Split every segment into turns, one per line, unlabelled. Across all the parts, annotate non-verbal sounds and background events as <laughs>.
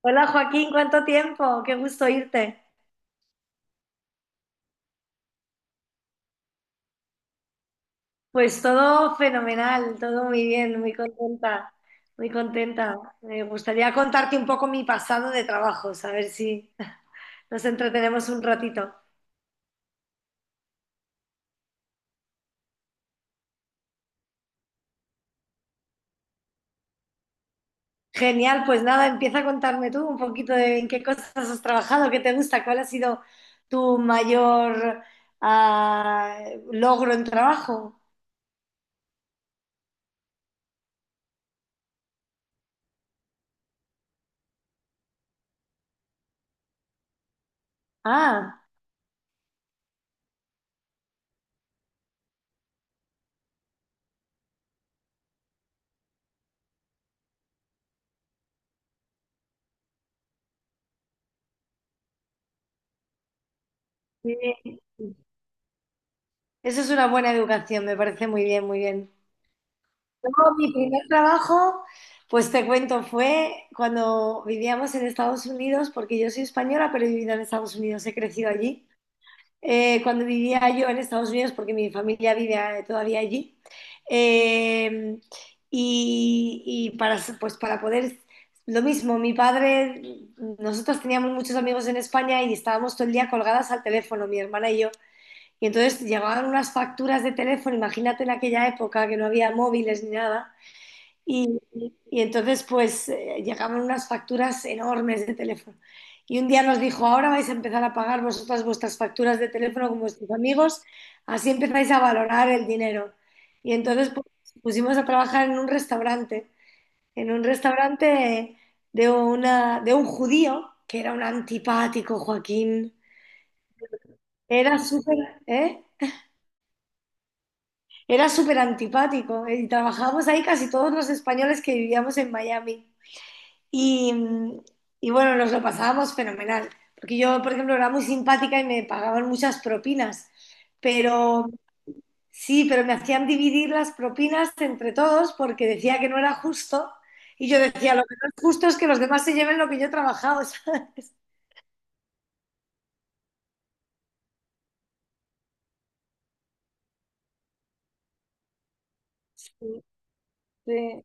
Hola Joaquín, ¿cuánto tiempo? Qué gusto oírte. Pues todo fenomenal, todo muy bien, muy contenta, muy contenta. Me gustaría contarte un poco mi pasado de trabajos, a ver si <laughs> nos entretenemos un ratito. Genial, pues nada, empieza a contarme tú un poquito de en qué cosas has trabajado, qué te gusta, cuál ha sido tu mayor ah, logro en trabajo. Ah, muy Eso es una buena educación, me parece muy bien, muy bien. No, mi primer trabajo, pues te cuento, fue cuando vivíamos en Estados Unidos, porque yo soy española, pero he vivido en Estados Unidos, he crecido allí. Cuando vivía yo en Estados Unidos, porque mi familia vive todavía allí, eh, y, y para, pues para poder, lo mismo, mi padre, nosotros teníamos muchos amigos en España y estábamos todo el día colgadas al teléfono, mi hermana y yo. Y entonces llegaban unas facturas de teléfono, imagínate en aquella época que no había móviles ni nada y, y entonces, pues, llegaban unas facturas enormes de teléfono. Y un día nos dijo, ahora vais a empezar a pagar vosotras vuestras facturas de teléfono con vuestros amigos, así empezáis a valorar el dinero. Y entonces pues, pusimos a trabajar en un restaurante de, una, de un judío, que era un antipático, Joaquín. Era súper, ¿eh? Era súper antipático. Y trabajábamos ahí casi todos los españoles que vivíamos en Miami. Y, y bueno, nos lo pasábamos fenomenal, porque yo, por ejemplo, era muy simpática y me pagaban muchas propinas, pero sí, pero me hacían dividir las propinas entre todos porque decía que no era justo y yo decía, lo que no es justo es que los demás se lleven lo que yo he trabajado. <laughs> ¿Sabes? Sí,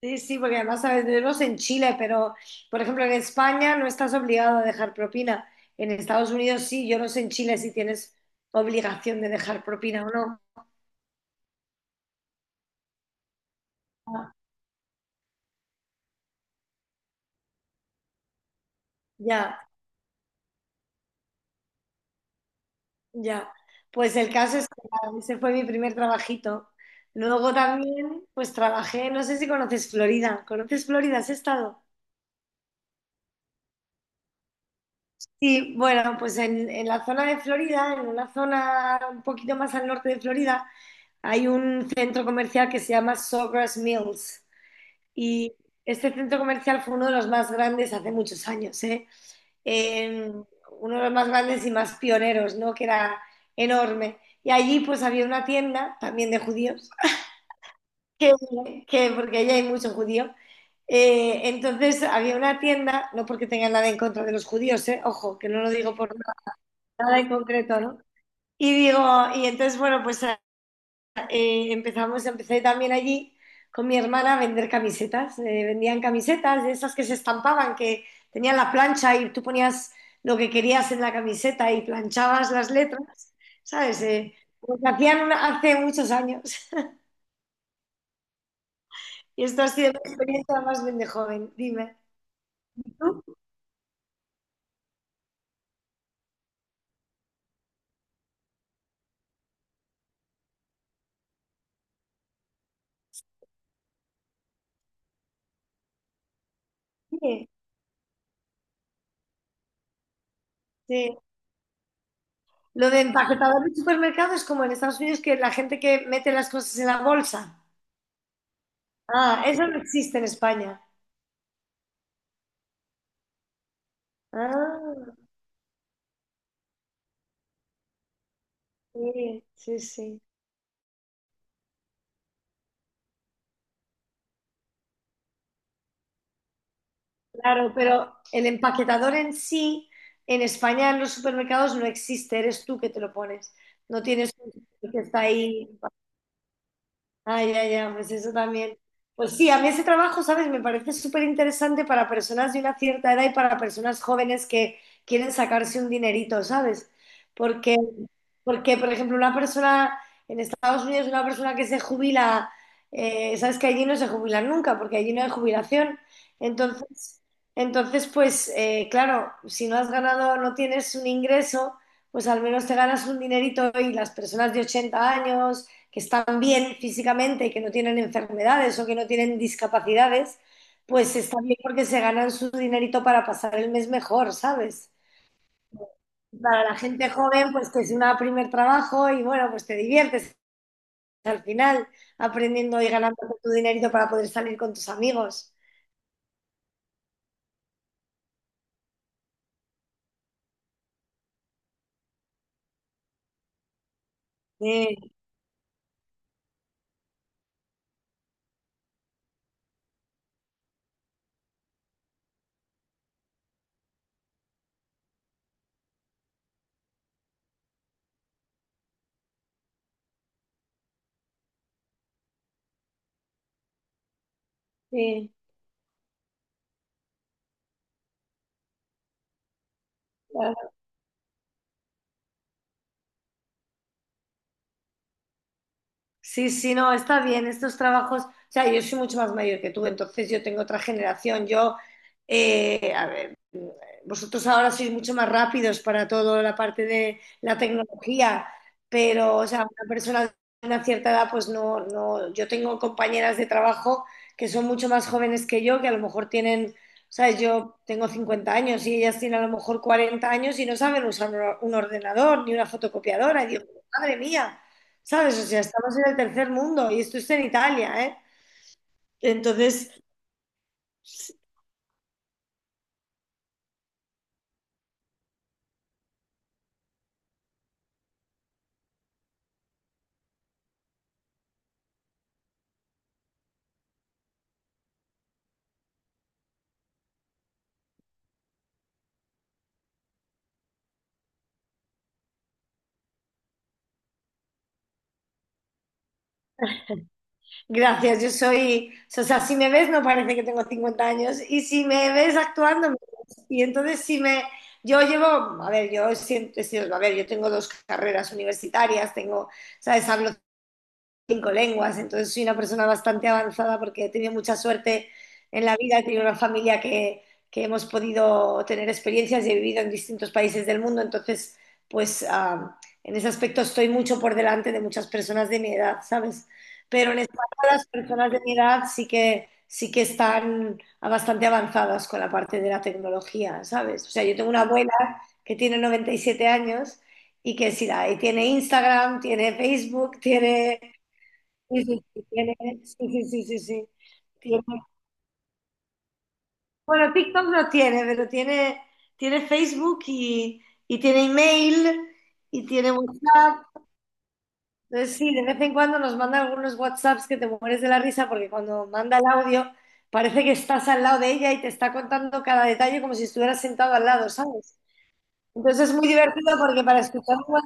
sí, sí, porque además sabes, tenemos en Chile, pero por ejemplo en España no estás obligado a dejar propina. En Estados Unidos sí, yo no sé en Chile si tienes obligación de dejar propina o no. Ya. Ya, pues el caso es que nada, ese fue mi primer trabajito. Luego también, pues trabajé, no sé si conoces Florida. ¿Conoces Florida? ¿Has estado? Sí, bueno, pues en la zona de Florida, en una zona un poquito más al norte de Florida, hay un centro comercial que se llama Sawgrass Mills. Y este centro comercial fue uno de los más grandes hace muchos años, ¿eh? Eh, Uno de los más grandes y más pioneros, ¿no? Que era enorme. Y allí pues había una tienda también de judíos que, que- porque allí hay mucho judío. Entonces había una tienda, no porque tenga nada en contra de los judíos, ojo, que no lo digo por nada, nada en concreto, ¿no? Y digo, y entonces, bueno, pues empecé también allí con mi hermana a vender camisetas. Vendían camisetas de esas que se estampaban, que tenían la plancha y tú ponías lo que querías en la camiseta y planchabas las letras, ¿sabes? Lo que hacían una- hace muchos años. <laughs> Y esto ha sido mi experiencia más bien de joven, dime. ¿No? Sí, sí. Lo de empaquetador de supermercado es como en Estados Unidos que la gente que mete las cosas en la bolsa. Ah, eso no existe en España. Ah, sí, sí, sí. Claro, pero el empaquetador en sí, en España en los supermercados no existe, eres tú que te lo pones. No tienes un que está ahí. Ay, ya, ya, pues eso también. Pues sí, a mí ese trabajo, ¿sabes? Me parece súper interesante para personas de una cierta edad y para personas jóvenes que quieren sacarse un dinerito, ¿sabes? Porque, porque, por ejemplo, una persona en Estados Unidos, una persona que se jubila, ¿sabes? Que allí no se jubilan nunca, porque allí no hay jubilación. Entonces, entonces pues, claro, si no has ganado, no tienes un ingreso, pues al menos te ganas un dinerito y las personas de 80 años que están bien físicamente, que no tienen enfermedades o que no tienen discapacidades, pues está bien porque se ganan su dinerito para pasar el mes mejor, ¿sabes? Para la gente joven, pues que es un primer trabajo y bueno, pues te diviertes al final aprendiendo y ganando tu dinerito para poder salir con tus amigos. Sí, sí, la Sí, sí, no, está bien, estos trabajos, o sea, yo soy mucho más mayor que tú, entonces yo tengo otra generación, yo, a ver, vosotros ahora sois mucho más rápidos para toda la parte de la tecnología, pero, o sea, una persona de una cierta edad, pues no, no, yo tengo compañeras de trabajo que son mucho más jóvenes que yo, que a lo mejor tienen, sabes, yo tengo 50 años y ellas tienen a lo mejor 40 años y no saben usar un or- un ordenador ni una fotocopiadora, y digo, madre mía. ¿Sabes? O sea, estamos en el tercer mundo y esto es en Italia, ¿eh? Entonces, gracias, yo soy, o sea, si me ves no parece que tengo 50 años y si me ves actuando, me ves. Y entonces si me, yo llevo, a ver, yo siempre he sido, a ver, yo tengo dos carreras universitarias, tengo, ¿sabes? Hablo 5 lenguas, entonces soy una persona bastante avanzada porque he tenido mucha suerte en la vida, he tenido una familia que hemos podido tener experiencias y he vivido en distintos países del mundo, entonces pues en ese aspecto estoy mucho por delante de muchas personas de mi edad, ¿sabes? Pero en España las personas de mi edad sí que están bastante avanzadas con la parte de la tecnología, ¿sabes? O sea, yo tengo una abuela que tiene 97 años y que sí, la- y tiene Instagram, tiene Facebook, tiene Sí, sí, sí, tiene, sí, sí, sí, sí, sí. Tiene- bueno, TikTok no tiene, pero tiene, tiene Facebook y tiene email y tiene WhatsApp. Entonces, sí, de vez en cuando nos manda algunos WhatsApps que te mueres de la risa porque cuando manda el audio parece que estás al lado de ella y te está contando cada detalle como si estuvieras sentado al lado, ¿sabes? Entonces es muy divertido porque para escuchar un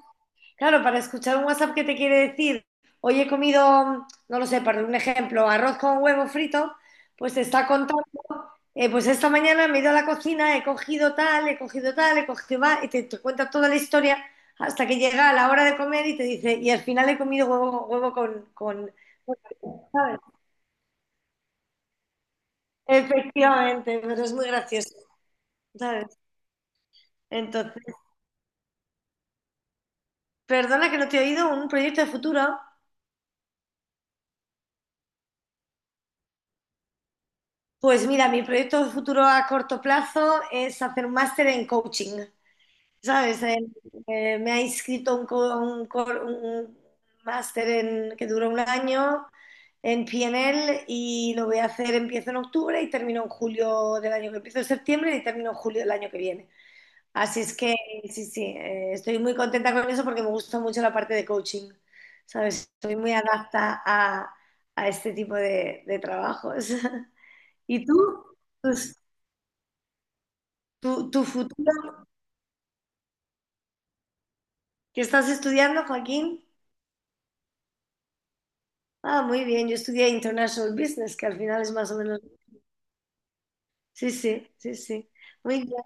Claro, para escuchar un WhatsApp que te quiere decir, hoy he comido, no lo sé, para un ejemplo, arroz con huevo frito, pues te está contando, pues esta mañana me he ido a la cocina, he cogido tal, he cogido tal, he cogido va, te cuenta toda la historia hasta que llega la hora de comer y te dice, y al final he comido huevo, huevo con- ¿Sabes? Efectivamente, pero es muy gracioso, ¿sabes? Entonces, perdona que no te he oído, un proyecto de futuro. Pues mira, mi proyecto futuro a corto plazo es hacer un máster en coaching, ¿sabes? Me ha inscrito un, co- un cor- un máster en- que dura 1 año en PNL y lo voy a hacer, empiezo en octubre y termino en julio del año que empiezo en septiembre y termino en julio del año que viene. Así es que sí, sí, estoy muy contenta con eso porque me gusta mucho la parte de coaching, ¿sabes? Estoy muy adapta a este tipo de trabajos. <laughs> ¿Y tú? Tus- ¿Tu, tu futuro? ¿Qué estás estudiando, Joaquín? Ah, muy bien, yo estudié International Business, que al final es más o menos... Sí, sí, sí, sí. Muy bien.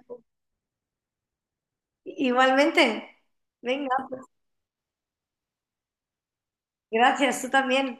Igualmente. Venga, pues, gracias, tú también.